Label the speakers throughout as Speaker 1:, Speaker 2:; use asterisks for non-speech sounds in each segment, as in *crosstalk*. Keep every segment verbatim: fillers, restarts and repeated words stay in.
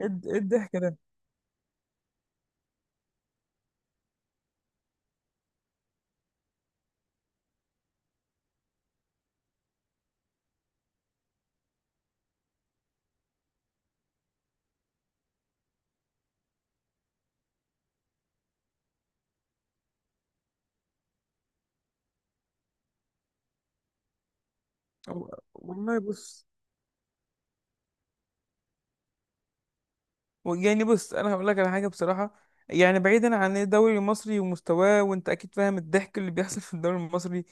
Speaker 1: ايه الض- إيه الضحك ده؟ هو- والله بص. يعني بص، انا هقول لك على حاجه بصراحه. يعني بعيدا عن إيه، الدوري المصري ومستواه، وانت اكيد فاهم الضحك اللي بيحصل *laughs* في الدوري المصري.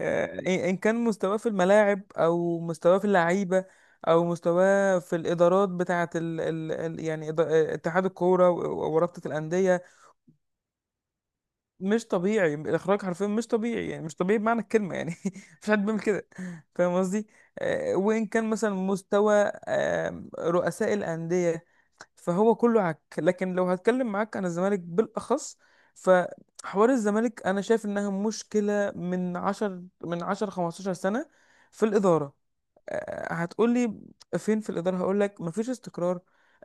Speaker 1: آه، إيه- ان كان مستواه في الملاعب او مستواه في اللعيبه، او مستواه في الادارات بتاعه ال ال ال يعني إدا- اتحاد الكوره و- ورابطه الانديه. مش طبيعي الاخراج، حرفيا مش طبيعي، يعني مش طبيعي بمعنى الكلمه، يعني *laughs* مفيش حد بيعمل كده. فاهم قصدي؟ آه، وان كان مثلا مستوى آه، رؤساء الانديه. فهو كله عك، لكن لو هتكلم معاك عن الزمالك بالاخص، فحوار الزمالك انا شايف انها مشكله من عشرة، من عشرة خمستاشر سنة سنه في الاداره. آه، هتقولي فين؟ في الإدارة. هقولك مفيش استقرار.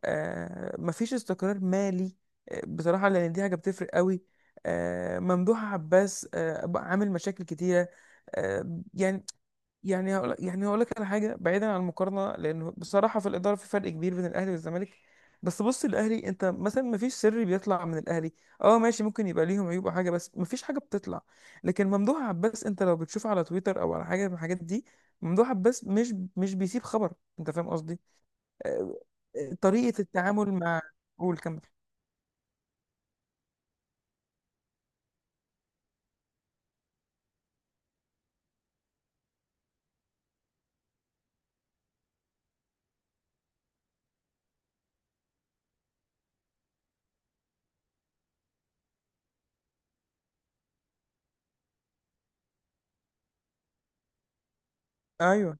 Speaker 1: آه، مفيش استقرار مالي، آه، بصراحة لأن دي حاجة بتفرق قوي. آه، ممدوح عباس آه، بقى عامل مشاكل كتيرة. آه، يعني... يعني هقول يعني هقول لك على حاجه بعيدا عن المقارنه، لانه بصراحه في الاداره في فرق كبير بين الاهلي والزمالك. بس بص، الاهلي انت مثلا ما فيش سر بيطلع من الاهلي. اه ماشي، ممكن يبقى ليهم عيوب او حاجه، بس ما فيش حاجه بتطلع. لكن ممدوح عباس، انت لو بتشوف على تويتر او على حاجه من الحاجات دي، ممدوح عباس مش مش بيسيب خبر. انت فاهم قصدي؟ آه، آه، طريقه التعامل مع... قول كمل. ايوه.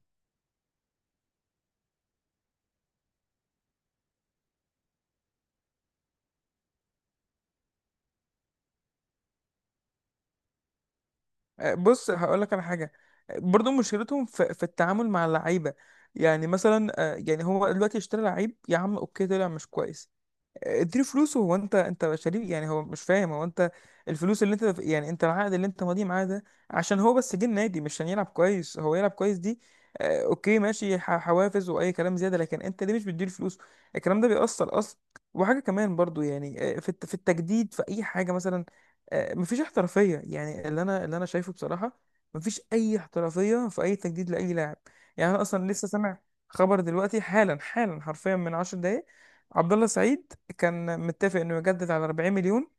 Speaker 1: آه، بص هقول لك على حاجه. برضو مشكلتهم في, في التعامل مع اللعيبه. يعني مثلا آه، يعني هو دلوقتي اشترى لعيب، يا عم اوكي طلع مش كويس. اديله فلوسه، هو انت انت شريك، يعني هو مش فاهم. هو انت... الفلوس اللي انت، يعني انت العقد اللي انت ماضيه معاه ده، عشان هو بس جه النادي مش عشان يلعب كويس. هو يلعب كويس دي آه اوكي ماشي، ح- حوافز واي كلام زياده، لكن انت ليه مش بتديله فلوس؟ الكلام ده بيأثر اصلا. وحاجه كمان برضو يعني، آه، في الت- في التجديد، في اي حاجه مثلا. آه، مفيش احترافيه، يعني اللي انا اللي انا شايفه بصراحه. مفيش اي احترافيه في اي تجديد لاي لاعب. يعني انا اصلا لسه سامع خبر دلوقتي، حالا حالا حرفيا من 10 دقايق. عبد الله السعيد كان متفق انه يجدد على 40 مليون،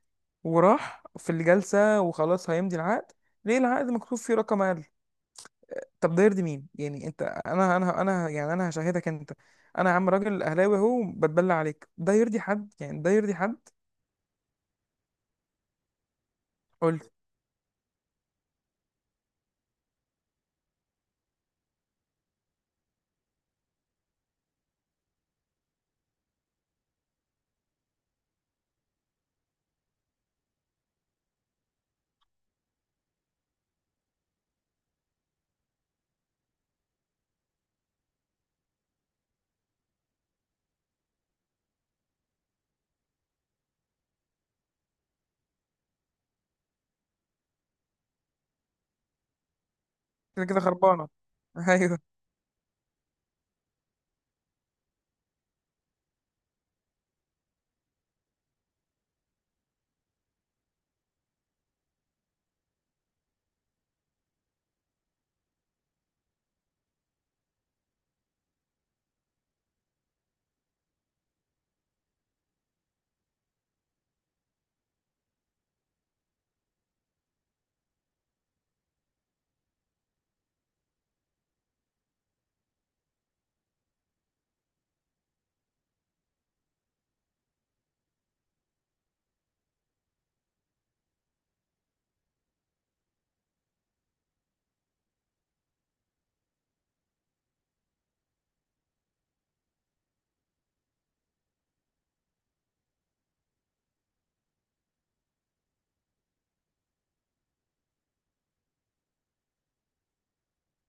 Speaker 1: وراح في الجلسه وخلاص هيمضي العقد. ليه العقد مكتوب فيه رقم اقل؟ طب ده يرضي مين يعني؟ انت انا انا انا يعني انا هشاهدك انت. انا يا عم راجل اهلاوي اهو، بتبلى عليك. ده يرضي حد يعني؟ ده يرضي حد؟ قول لي. كده كده خربانه. *laughs* ايوه.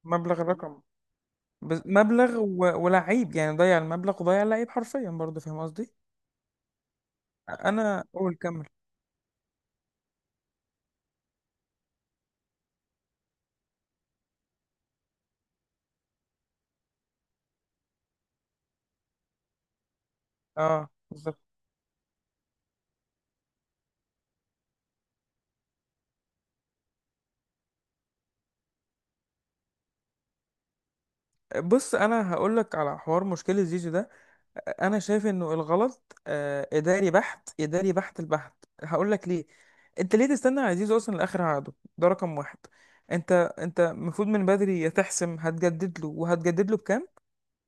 Speaker 1: مبلغ الرقم، بس مبلغ و... ولعيب، يعني ضيع المبلغ وضيع اللعيب حرفيا برضه. فاهم قصدي؟ انا قول كمل. اه بالظبط. بص انا هقول لك على حوار مشكله زيزو ده. انا شايف انه الغلط آه، اداري بحت، اداري بحت البحت. هقول لك ليه. انت ليه تستنى عزيز اصلا لاخر عقده؟ ده رقم واحد. انت انت المفروض من بدري، يا تحسم هتجدد له وهتجدد له بكام،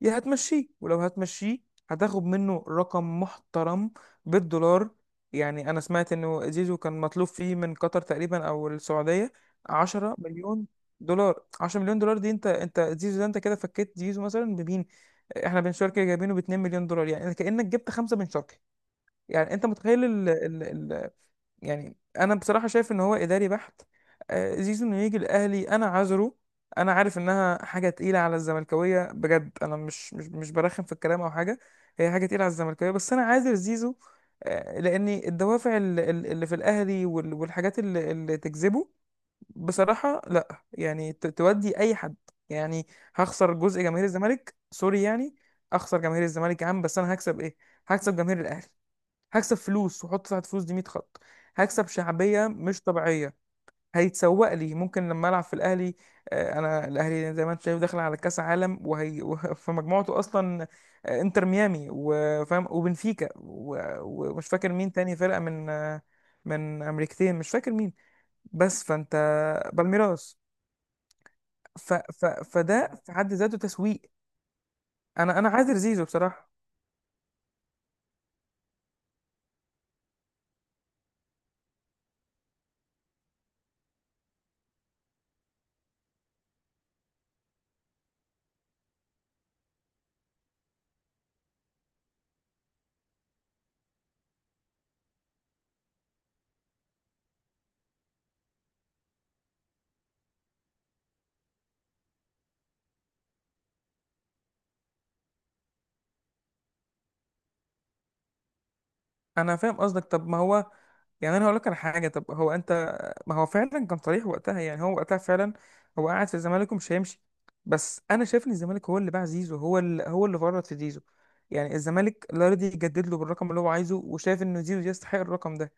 Speaker 1: يا هتمشيه. ولو هتمشيه هتاخد منه رقم محترم بالدولار. يعني انا سمعت انه زيزو كان مطلوب فيه من قطر تقريبا او السعودية عشرة مليون دولار مليون دولار. عشرة مليون دولار مليون دولار دي، انت انت زيزو ده، انت كده فكيت زيزو مثلا بمين؟ احنا بن شرقي جايبينه ب اتنين مليون دولار مليون دولار، يعني كأنك جبت خمسة بن شرقي. يعني انت متخيل ال ال ال يعني انا بصراحة شايف ان هو اداري بحت. آه، زيزو انه يجي الاهلي، انا عذره. انا عارف انها حاجة تقيلة على الزملكاوية بجد، انا مش مش مش برخم في الكلام او حاجة. هي حاجة تقيلة على الزملكاوية، بس انا عاذر زيزو. آه، لان الدوافع ال- ال- اللي في الاهلي وال- والحاجات اللي اللي تجذبه، بصراحة لا يعني ت- تودي أي حد يعني. هخسر جزء جماهير الزمالك، سوري يعني. أخسر جماهير الزمالك يا عم، بس أنا هكسب إيه؟ هكسب جماهير الأهلي. هكسب فلوس، وحط تحت فلوس دي 100 خط. هكسب شعبية مش طبيعية. هيتسوق لي ممكن لما ألعب في الأهلي. آه، أنا الأهلي زي ما أنت شايف داخل على كأس عالم، وهي وه- *laughs* في مجموعته أصلا. آه، إنتر ميامي وفاهم وبنفيكا و- ومش فاكر مين تاني فرقة من آه، من أمريكتين، مش فاكر مين. بس فأنت... بالميراس. ف... ف... فده في حد ذاته تسويق. انا انا عاذر زيزو بصراحه. انا فاهم قصدك. طب ما هو، يعني انا هقول لك على حاجه. طب هو انت... ما هو فعلا كان صريح وقتها، يعني هو وقتها فعلا هو قاعد في الزمالك ومش هيمشي. بس انا شايف ان الزمالك هو اللي باع زيزو، هو اللي هو اللي فرط في زيزو. يعني الزمالك لا رضي يجدد له بالرقم اللي هو عايزه وشايف ان زيزو يستحق الرقم ده،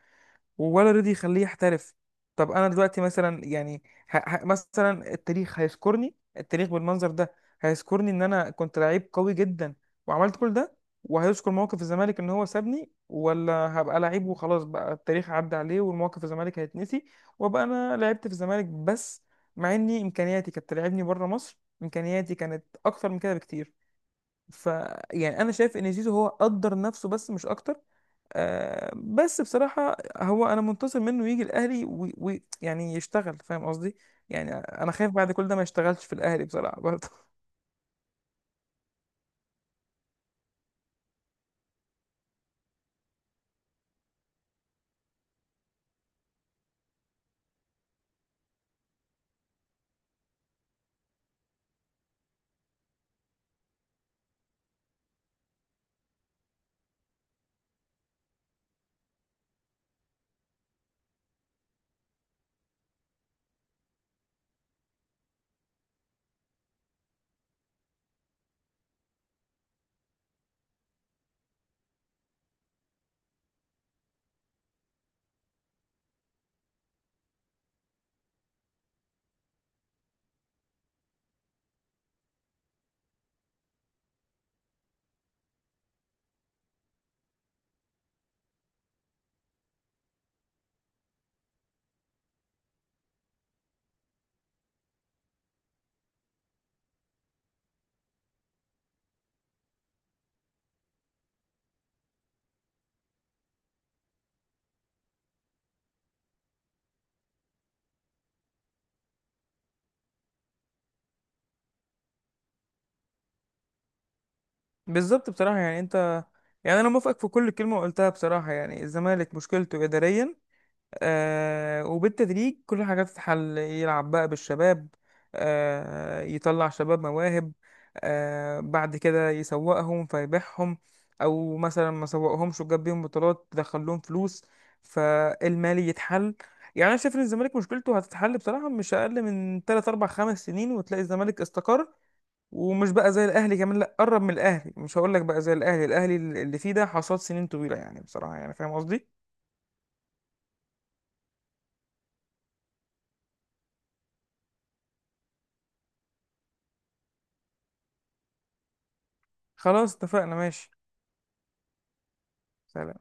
Speaker 1: ولا رضي يخليه يحترف. طب انا دلوقتي مثلا يعني، ه... ه... مثلا التاريخ هيذكرني، التاريخ بالمنظر ده. هيذكرني ان انا كنت لعيب قوي جدا وعملت كل ده، وهيذكر موقف الزمالك ان هو سابني. ولا هبقى لعيب وخلاص بقى، التاريخ عدى عليه والموقف الزمالك هيتنسي، وابقى انا لعبت في الزمالك بس، مع اني امكانياتي كانت تلعبني بره مصر، امكانياتي كانت اكتر من كده بكتير. ف يعني انا شايف ان زيزو هو قدر نفسه بس مش اكتر. آه بس بصراحة هو أنا منتظر منه يجي الأهلي، ويعني يشتغل. فاهم قصدي؟ يعني أنا خايف بعد كل ده ما يشتغلش في الأهلي بصراحة برضه. *laughs* بالظبط بصراحة، يعني أنت... يعني أنا موافقك في كل كلمة قلتها بصراحة، يعني الزمالك مشكلته إداريا. آه وبالتدريج كل حاجة تتحل، يلعب بقى بالشباب، آه يطلع شباب مواهب، آه بعد كده يسوقهم فيبيعهم. أو مثلا ما سوقهمش وجاب بيهم بطولات دخلهم فلوس، فالمالي يتحل. يعني أنا شايف إن الزمالك مشكلته هتتحل بصراحة مش أقل من تلات أربع خمس سنين، وتلاقي الزمالك استقر، ومش بقى زي الأهلي. كمان لأ، قرب من الأهلي. مش هقول لك بقى زي الأهلي، الأهلي اللي فيه ده حصاد سنين طويلة يعني بصراحة. يعني فاهم قصدي؟ خلاص اتفقنا ماشي. سلام.